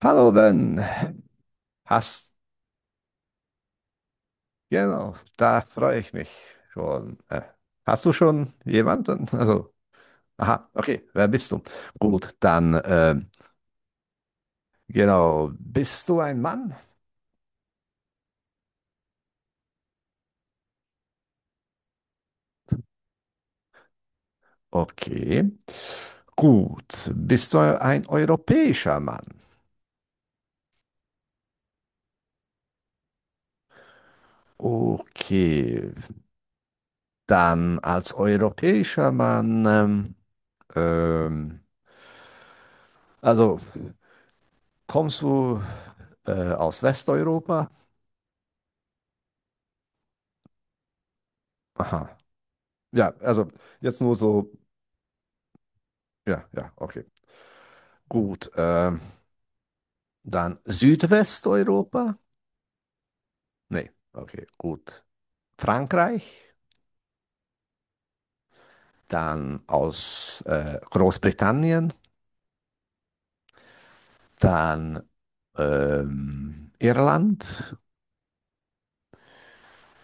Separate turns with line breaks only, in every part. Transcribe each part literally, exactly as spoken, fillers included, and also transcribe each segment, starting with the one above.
Hallo Ben, hast, genau, da freue ich mich schon. Äh, hast du schon jemanden? Also, aha, okay, wer bist du? Gut, dann, ähm, genau, bist du ein Mann? Okay. Gut, bist du ein europäischer Mann? Okay, dann als europäischer Mann, ähm, ähm, also kommst du äh, aus Westeuropa? Aha. Ja, also jetzt nur so. Ja, ja, okay. Gut. Ähm, dann Südwesteuropa. Nee, okay, gut. Frankreich. Dann aus äh, Großbritannien. Dann ähm, Irland.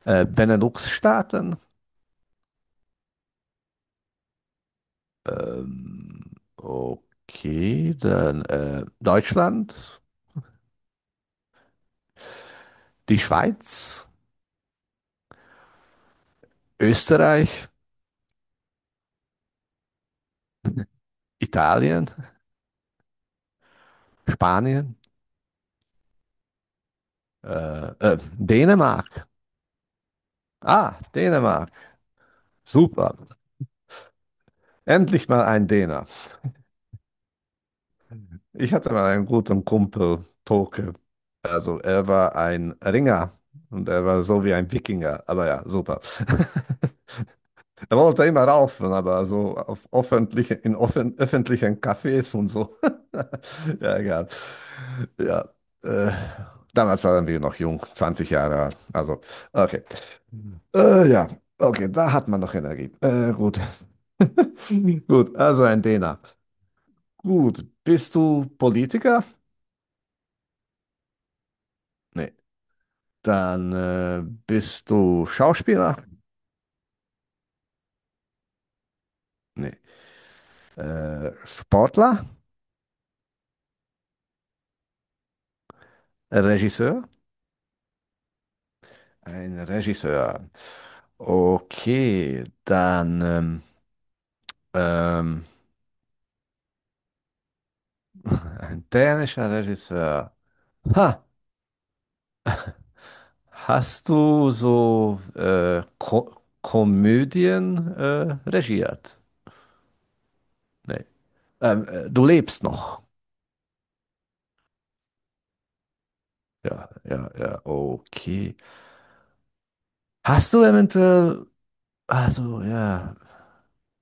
Äh, Benelux-Staaten. Ähm, okay, dann äh, Deutschland. Die Schweiz. Österreich. Italien. Spanien. Äh, äh, Dänemark. Ah, Dänemark. Super. Endlich mal ein Däner. Ich hatte mal einen guten Kumpel, Toke. Also er war ein Ringer und er war so wie ein Wikinger. Aber ja, super. Er wollte immer raufen, aber so auf öffentliche, in offen, öffentlichen Cafés und so. Ja, egal. Ja. Äh, Damals waren wir noch jung, zwanzig Jahre alt. Also, okay. Äh, ja, okay, da hat man noch Energie. Äh, gut. Gut, also ein Däner. Gut, bist du Politiker? Nee. Dann äh, bist du Schauspieler? Nee. Äh, Sportler? Regisseur? Ein Regisseur. Okay, dann ähm, ähm, ein dänischer Regisseur. Ha, Hast du so äh, Ko Komödien äh, regiert? Nee. Ähm, äh, du lebst noch. Ja, ja, ja, okay. Hast du eventuell also ja,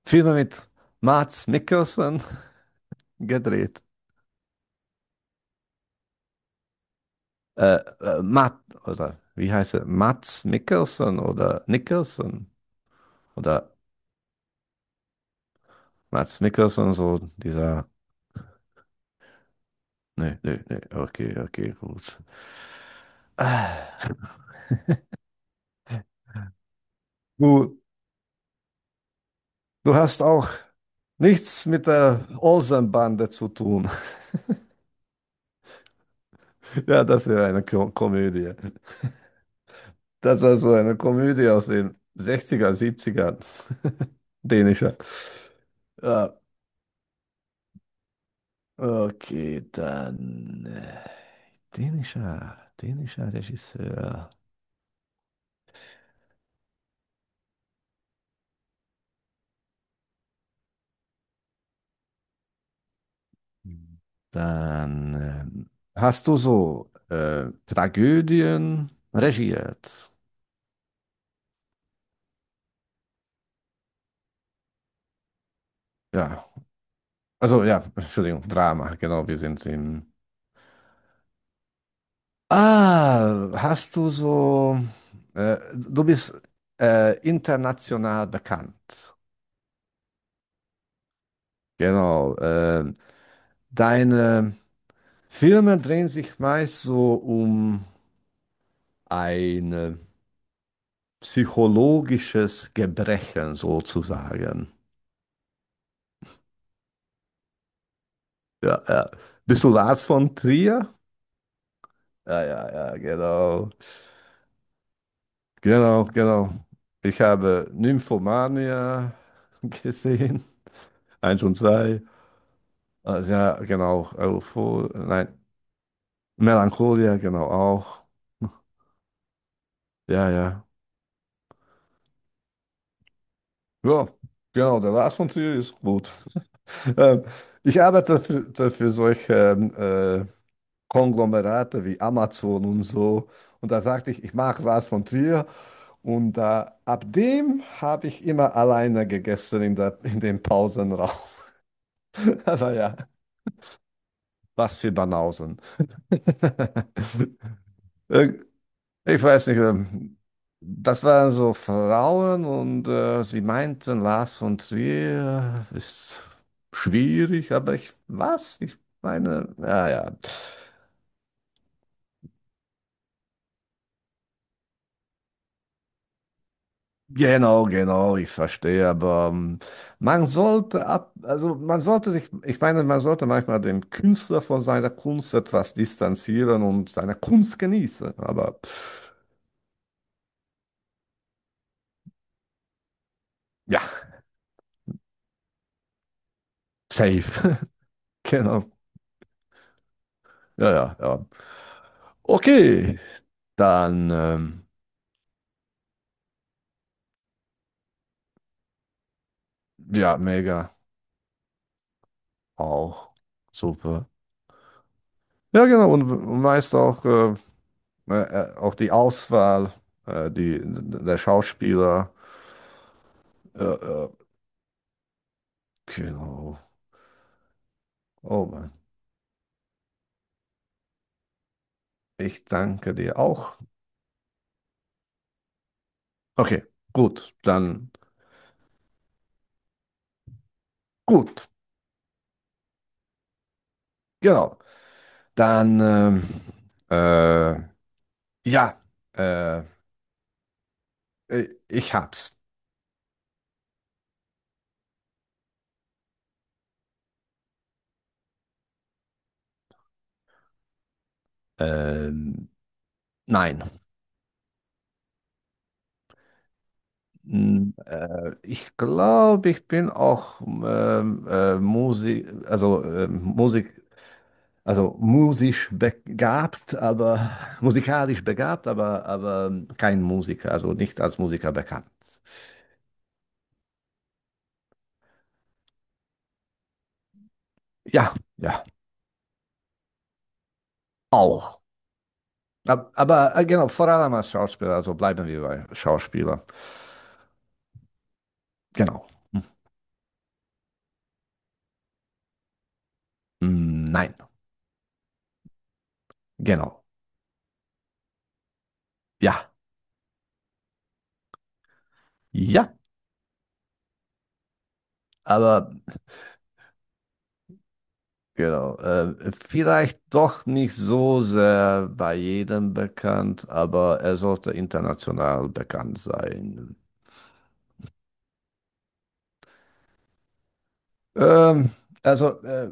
Filme mit Mads Mikkelsen gedreht. Äh, äh, Matt, oder wie heißt er? Mads Mikkelsen oder Nicholson oder Mads Mikkelsen, so dieser. Nee, nee, nee, okay, okay, gut. Ah, Du, du hast auch nichts mit der Olsenbande zu tun. Ja, das wäre eine Ko Komödie. Das war so eine Komödie aus den Sechziger, Siebziger, Dänischer. Ja, okay, dann äh, dänischer, dänischer Regisseur. Mhm. Dann ähm, hast du so äh, Tragödien regiert. Ja, also ja, Entschuldigung, Drama, genau, wir sind im. Ah, hast du so, äh, du bist äh, international bekannt. Genau, äh, deine Filme drehen sich meist so um eine psychologisches Gebrechen sozusagen. Ja, ja. Bist du Lars von Trier? Ja, ja, ja, genau. Genau, genau. Ich habe Nymphomania gesehen. Eins und zwei. Also, ja, genau. Euphor Nein, Melancholia, genau auch. Ja, ja. Ja, genau. Der Lars von Trier ist gut. Ähm, Ich arbeite für, für solche ähm, äh, Konglomerate wie Amazon und so. Und da sagte ich, ich mag Lars von Trier. Und äh, ab dem habe ich immer alleine gegessen in der, in dem Pausenraum. Aber ja, was für Banausen. Irg- Ich weiß nicht, ähm, das waren so Frauen und äh, sie meinten, Lars von Trier ist schwierig, aber ich, was? Ich meine, naja. Genau, genau, ich verstehe, aber ähm, man sollte ab, also man sollte sich, ich meine, man sollte manchmal den Künstler von seiner Kunst etwas distanzieren und seine Kunst genießen, aber pff, ja, safe, genau, ja, ja, ja. Okay, dann, ähm, ja, mega, auch, super. Ja, genau, und, und weißt auch, äh, äh, äh, auch die Auswahl, äh, die, der Schauspieler, äh, äh, genau. Oh Mann. Ich danke dir auch. Okay, gut, dann gut, genau. Dann ähm, äh, ja, äh, äh, ich hab's. Ähm, nein, Mm, äh, ich glaube, ich bin auch ähm, äh, Musik, also äh, Musik, also musisch begabt, aber musikalisch begabt, aber aber kein Musiker, also nicht als Musiker bekannt. Ja, ja, auch. Ab- Aber äh, genau, vor allem als Schauspieler, also bleiben wir bei Schauspieler. Genau. Hm, nein, genau. Ja, ja, aber genau. Äh, vielleicht doch nicht so sehr bei jedem bekannt, aber er sollte international bekannt sein. Ähm, also, äh,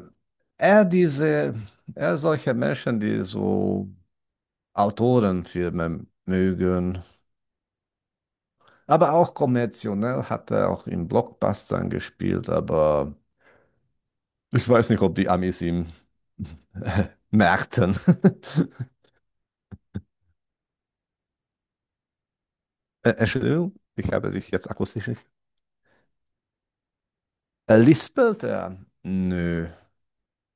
er diese, er solche Menschen, die so Autorenfilme mögen. Aber auch kommerziell ne? Hat er auch in Blockbustern gespielt, aber ich weiß nicht, ob die Amis ihm merkten. Äh, Entschuldigung, ich habe dich jetzt akustisch nicht. Äh, lispelt er? Nö.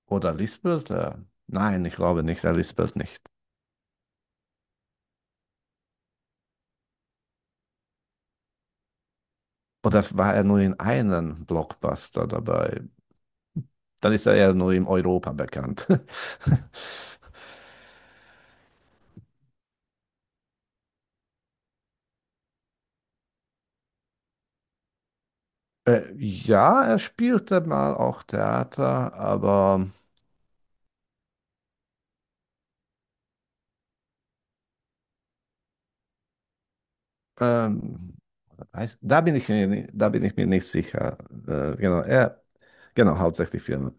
Oder lispelt er? Nein, ich glaube nicht, er lispelt nicht. Oder war er nur in einem Blockbuster dabei? Dann ist er ja nur in Europa bekannt. Äh, ja, er spielte mal auch Theater, aber ähm, Weiß- Da bin ich mir, ni- da bin ich mir nicht sicher. Äh, genau, er, genau, hauptsächlich Firmen.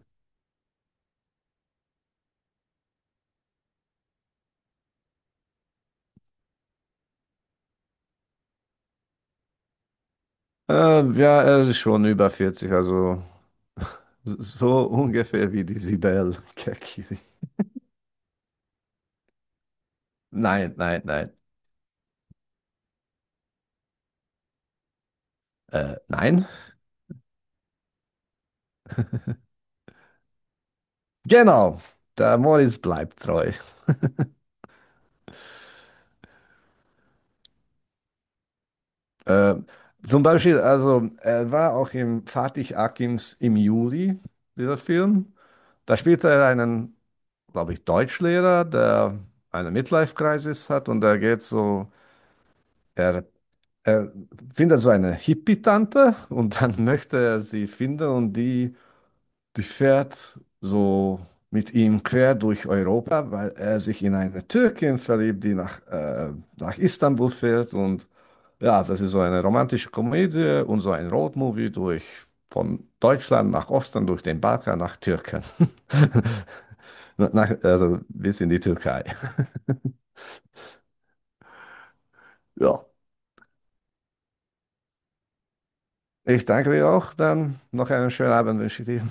Äh, ja, er ist schon über vierzig, also so ungefähr wie die Sibel Kekili. Nein, nein, nein. Äh, nein? Genau, der Moritz bleibt treu. Äh, Zum Beispiel, also er war auch im Fatih Akims im Juli, dieser Film. Da spielte er einen, glaube ich, Deutschlehrer, der eine Midlife-Crisis hat und er geht so. Er Er findet so eine Hippie-Tante und dann möchte er sie finden und die, die fährt so mit ihm quer durch Europa, weil er sich in eine Türkin verliebt, die nach, äh, nach Istanbul fährt. Und ja, das ist so eine romantische Komödie und so ein Roadmovie durch von Deutschland nach Osten, durch den Balkan nach Türken. Nach, also bis in die Türkei. Ja, ich danke dir auch. Dann noch einen schönen Abend wünsche ich dir.